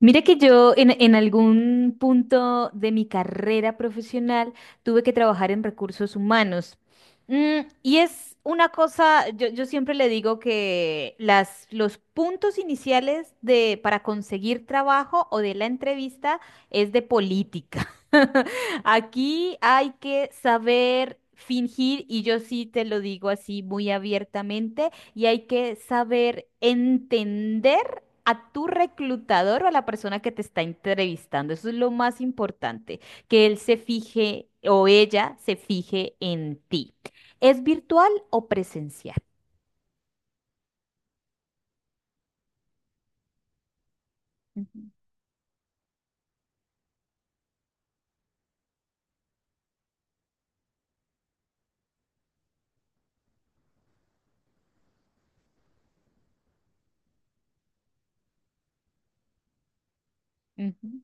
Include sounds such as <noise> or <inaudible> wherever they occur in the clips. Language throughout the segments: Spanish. Mira que yo en algún punto de mi carrera profesional tuve que trabajar en recursos humanos. Y es una cosa, yo siempre le digo que los puntos iniciales para conseguir trabajo o de la entrevista es de política. <laughs> Aquí hay que saber fingir, y yo sí te lo digo así muy abiertamente, y hay que saber entender a tu reclutador o a la persona que te está entrevistando. Eso es lo más importante, que él se fije o ella se fije en ti. ¿Es virtual o presencial? Ujú, ujú.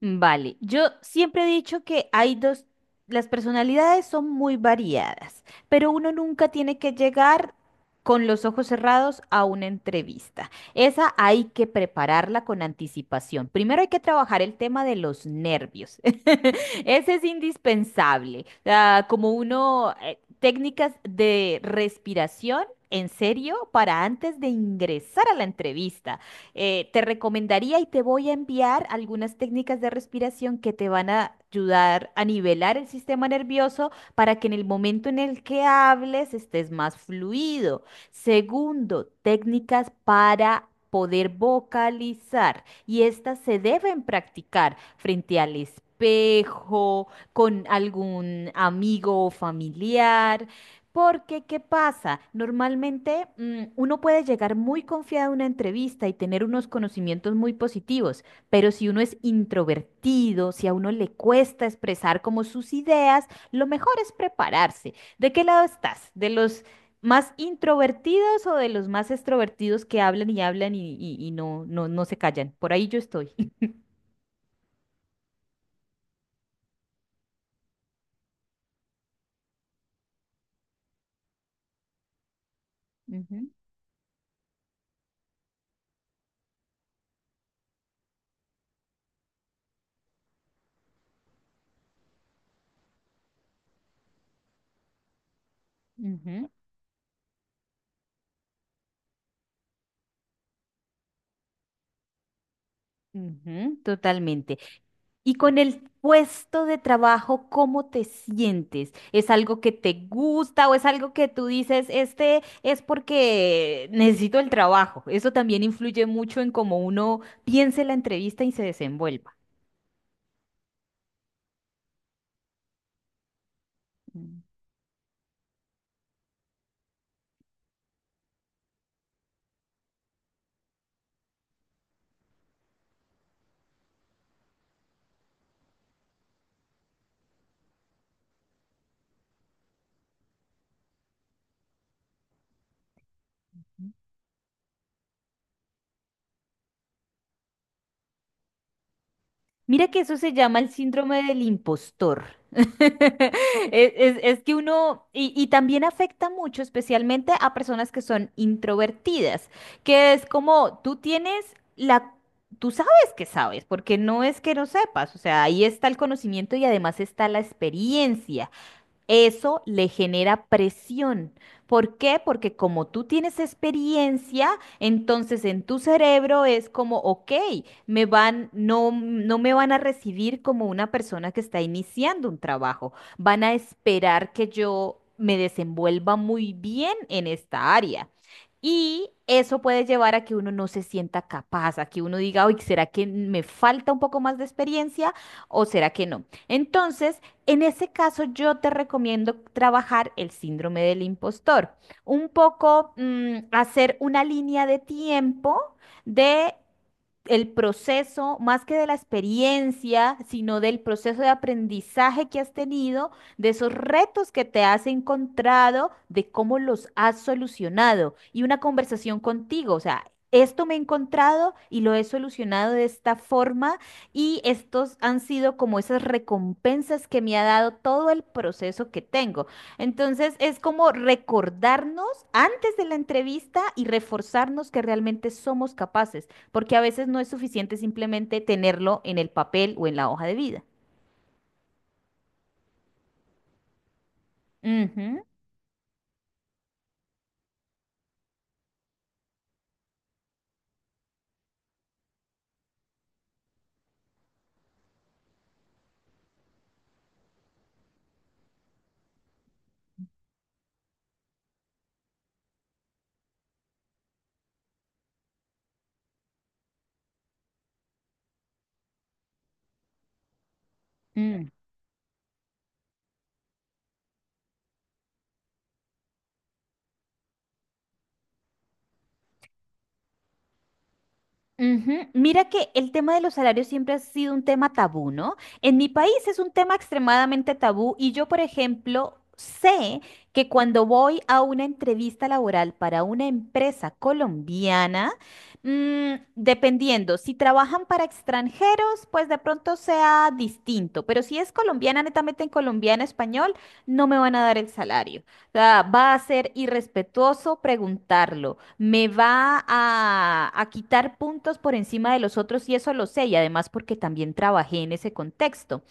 Vale, yo siempre he dicho que hay dos, las personalidades son muy variadas, pero uno nunca tiene que llegar con los ojos cerrados a una entrevista. Esa hay que prepararla con anticipación. Primero hay que trabajar el tema de los nervios. <laughs> Ese es indispensable. Ah, como uno, técnicas de respiración. En serio, para antes de ingresar a la entrevista te recomendaría y te voy a enviar algunas técnicas de respiración que te van a ayudar a nivelar el sistema nervioso para que en el momento en el que hables estés más fluido. Segundo, técnicas para poder vocalizar y estas se deben practicar frente al espejo, con algún amigo o familiar. Porque, ¿qué pasa? Normalmente uno puede llegar muy confiado a una entrevista y tener unos conocimientos muy positivos, pero si uno es introvertido, si a uno le cuesta expresar como sus ideas, lo mejor es prepararse. ¿De qué lado estás? ¿De los más introvertidos o de los más extrovertidos que hablan y hablan y no, no, no se callan? Por ahí yo estoy. <laughs> Ujú, ujú. Ujú, totalmente. Y con el puesto de trabajo, ¿cómo te sientes? ¿Es algo que te gusta o es algo que tú dices, este es porque necesito el trabajo? Eso también influye mucho en cómo uno piense la entrevista y se desenvuelva. Mm. Mira que eso se llama el síndrome del impostor. <laughs> Es que uno, y también afecta mucho, especialmente a personas que son introvertidas, que es como tú tienes la, tú sabes que sabes, porque no es que no sepas, o sea, ahí está el conocimiento y además está la experiencia. Eso le genera presión. ¿Por qué? Porque como tú tienes experiencia, entonces en tu cerebro es como, ok, me van, no me van a recibir como una persona que está iniciando un trabajo. Van a esperar que yo me desenvuelva muy bien en esta área. Y eso puede llevar a que uno no se sienta capaz, a que uno diga, uy, ¿será que me falta un poco más de experiencia o será que no? Entonces, en ese caso, yo te recomiendo trabajar el síndrome del impostor. Un poco hacer una línea de tiempo de el proceso, más que de la experiencia, sino del proceso de aprendizaje que has tenido, de esos retos que te has encontrado, de cómo los has solucionado y una conversación contigo, o sea, esto me he encontrado y lo he solucionado de esta forma y estos han sido como esas recompensas que me ha dado todo el proceso que tengo. Entonces es como recordarnos antes de la entrevista y reforzarnos que realmente somos capaces porque a veces no es suficiente simplemente tenerlo en el papel o en la hoja de vida. Ujú, mm, ujú. Mira que el tema de los salarios siempre ha sido un tema tabú, ¿no? En mi país es un tema extremadamente tabú y yo, por ejemplo, sé que cuando voy a una entrevista laboral para una empresa colombiana, dependiendo, si trabajan para extranjeros, pues de pronto sea distinto, pero si es colombiana, netamente en colombiano español, no me van a dar el salario. Sea, va a ser irrespetuoso preguntarlo, me va a quitar puntos por encima de los otros y eso lo sé, y además porque también trabajé en ese contexto.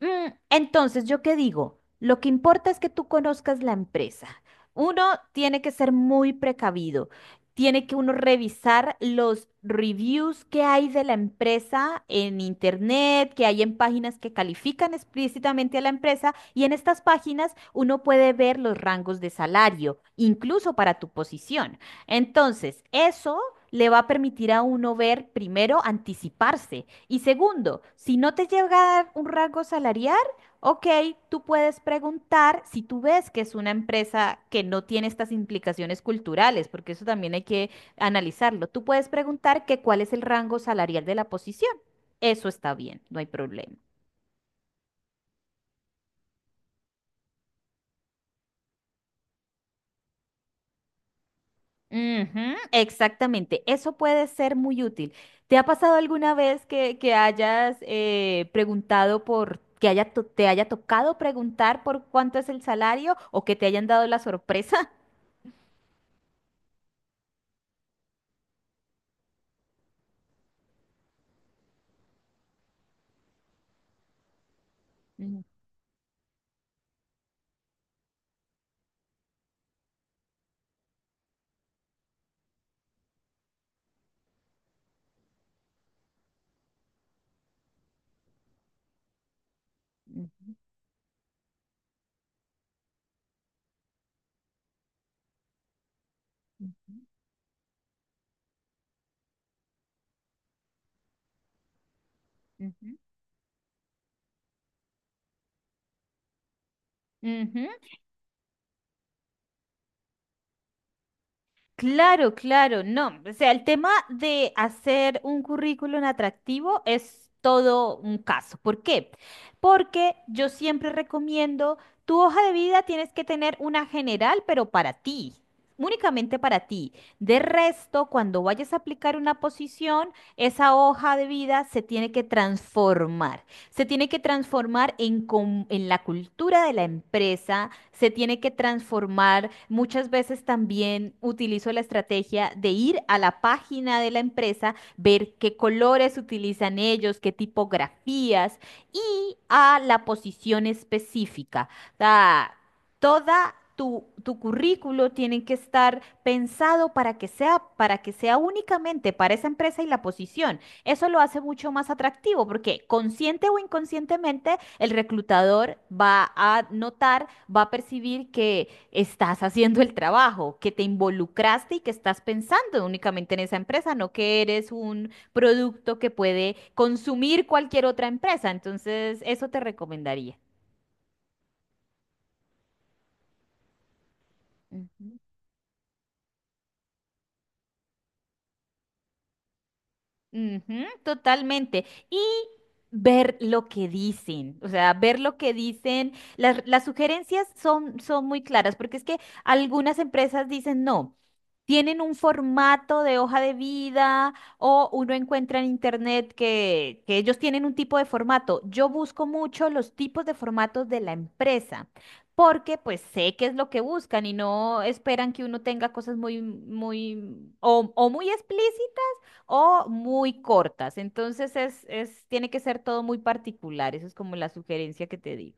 Entonces, ¿yo qué digo? Lo que importa es que tú conozcas la empresa. Uno tiene que ser muy precavido. Tiene que uno revisar los reviews que hay de la empresa en internet, que hay en páginas que califican explícitamente a la empresa y en estas páginas uno puede ver los rangos de salario, incluso para tu posición. Entonces, eso le va a permitir a uno ver, primero, anticiparse. Y segundo, si no te llega a dar un rango salarial, ok, tú puedes preguntar si tú ves que es una empresa que no tiene estas implicaciones culturales, porque eso también hay que analizarlo. Tú puedes preguntar que cuál es el rango salarial de la posición. Eso está bien, no hay problema. Ujú, exactamente, eso puede ser muy útil. ¿Te ha pasado alguna vez que hayas preguntado por, que haya te haya tocado preguntar por cuánto es el salario o que te hayan dado la sorpresa? Ujú, ujú, ujú, ujú, ujú. Claro, claro, no. O sea, el tema de hacer un currículum atractivo es todo un caso. ¿Por qué? Porque yo siempre recomiendo, tu hoja de vida tienes que tener una general, pero para ti, únicamente para ti. De resto, cuando vayas a aplicar una posición, esa hoja de vida se tiene que transformar. Se tiene que transformar en, en la cultura de la empresa se tiene que transformar. Muchas veces también utilizo la estrategia de ir a la página de la empresa, ver qué colores utilizan ellos, qué tipografías y a la posición específica. O sea, toda tu, tu currículo tiene que estar pensado para que sea únicamente para esa empresa y la posición. Eso lo hace mucho más atractivo porque consciente o inconscientemente el reclutador va a notar, va a percibir que estás haciendo el trabajo, que te involucraste y que estás pensando únicamente en esa empresa, no que eres un producto que puede consumir cualquier otra empresa. Entonces, eso te recomendaría. Ujú. Ujú, totalmente. Y ver lo que dicen, o sea, ver lo que dicen. Las sugerencias son muy claras, porque es que algunas empresas dicen no. Tienen un formato de hoja de vida o uno encuentra en internet que ellos tienen un tipo de formato. Yo busco mucho los tipos de formatos de la empresa porque pues sé qué es lo que buscan y no esperan que uno tenga cosas muy, muy o muy explícitas o muy cortas. Entonces tiene que ser todo muy particular. Eso es como la sugerencia que te digo.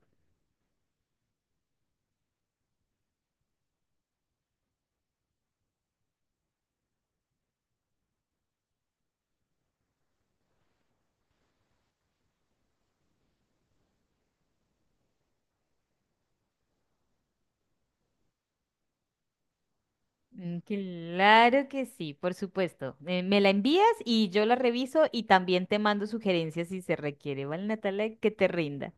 Claro que sí, por supuesto. Me la envías y yo la reviso y también te mando sugerencias si se requiere, ¿vale, Natalia? Que te rinda.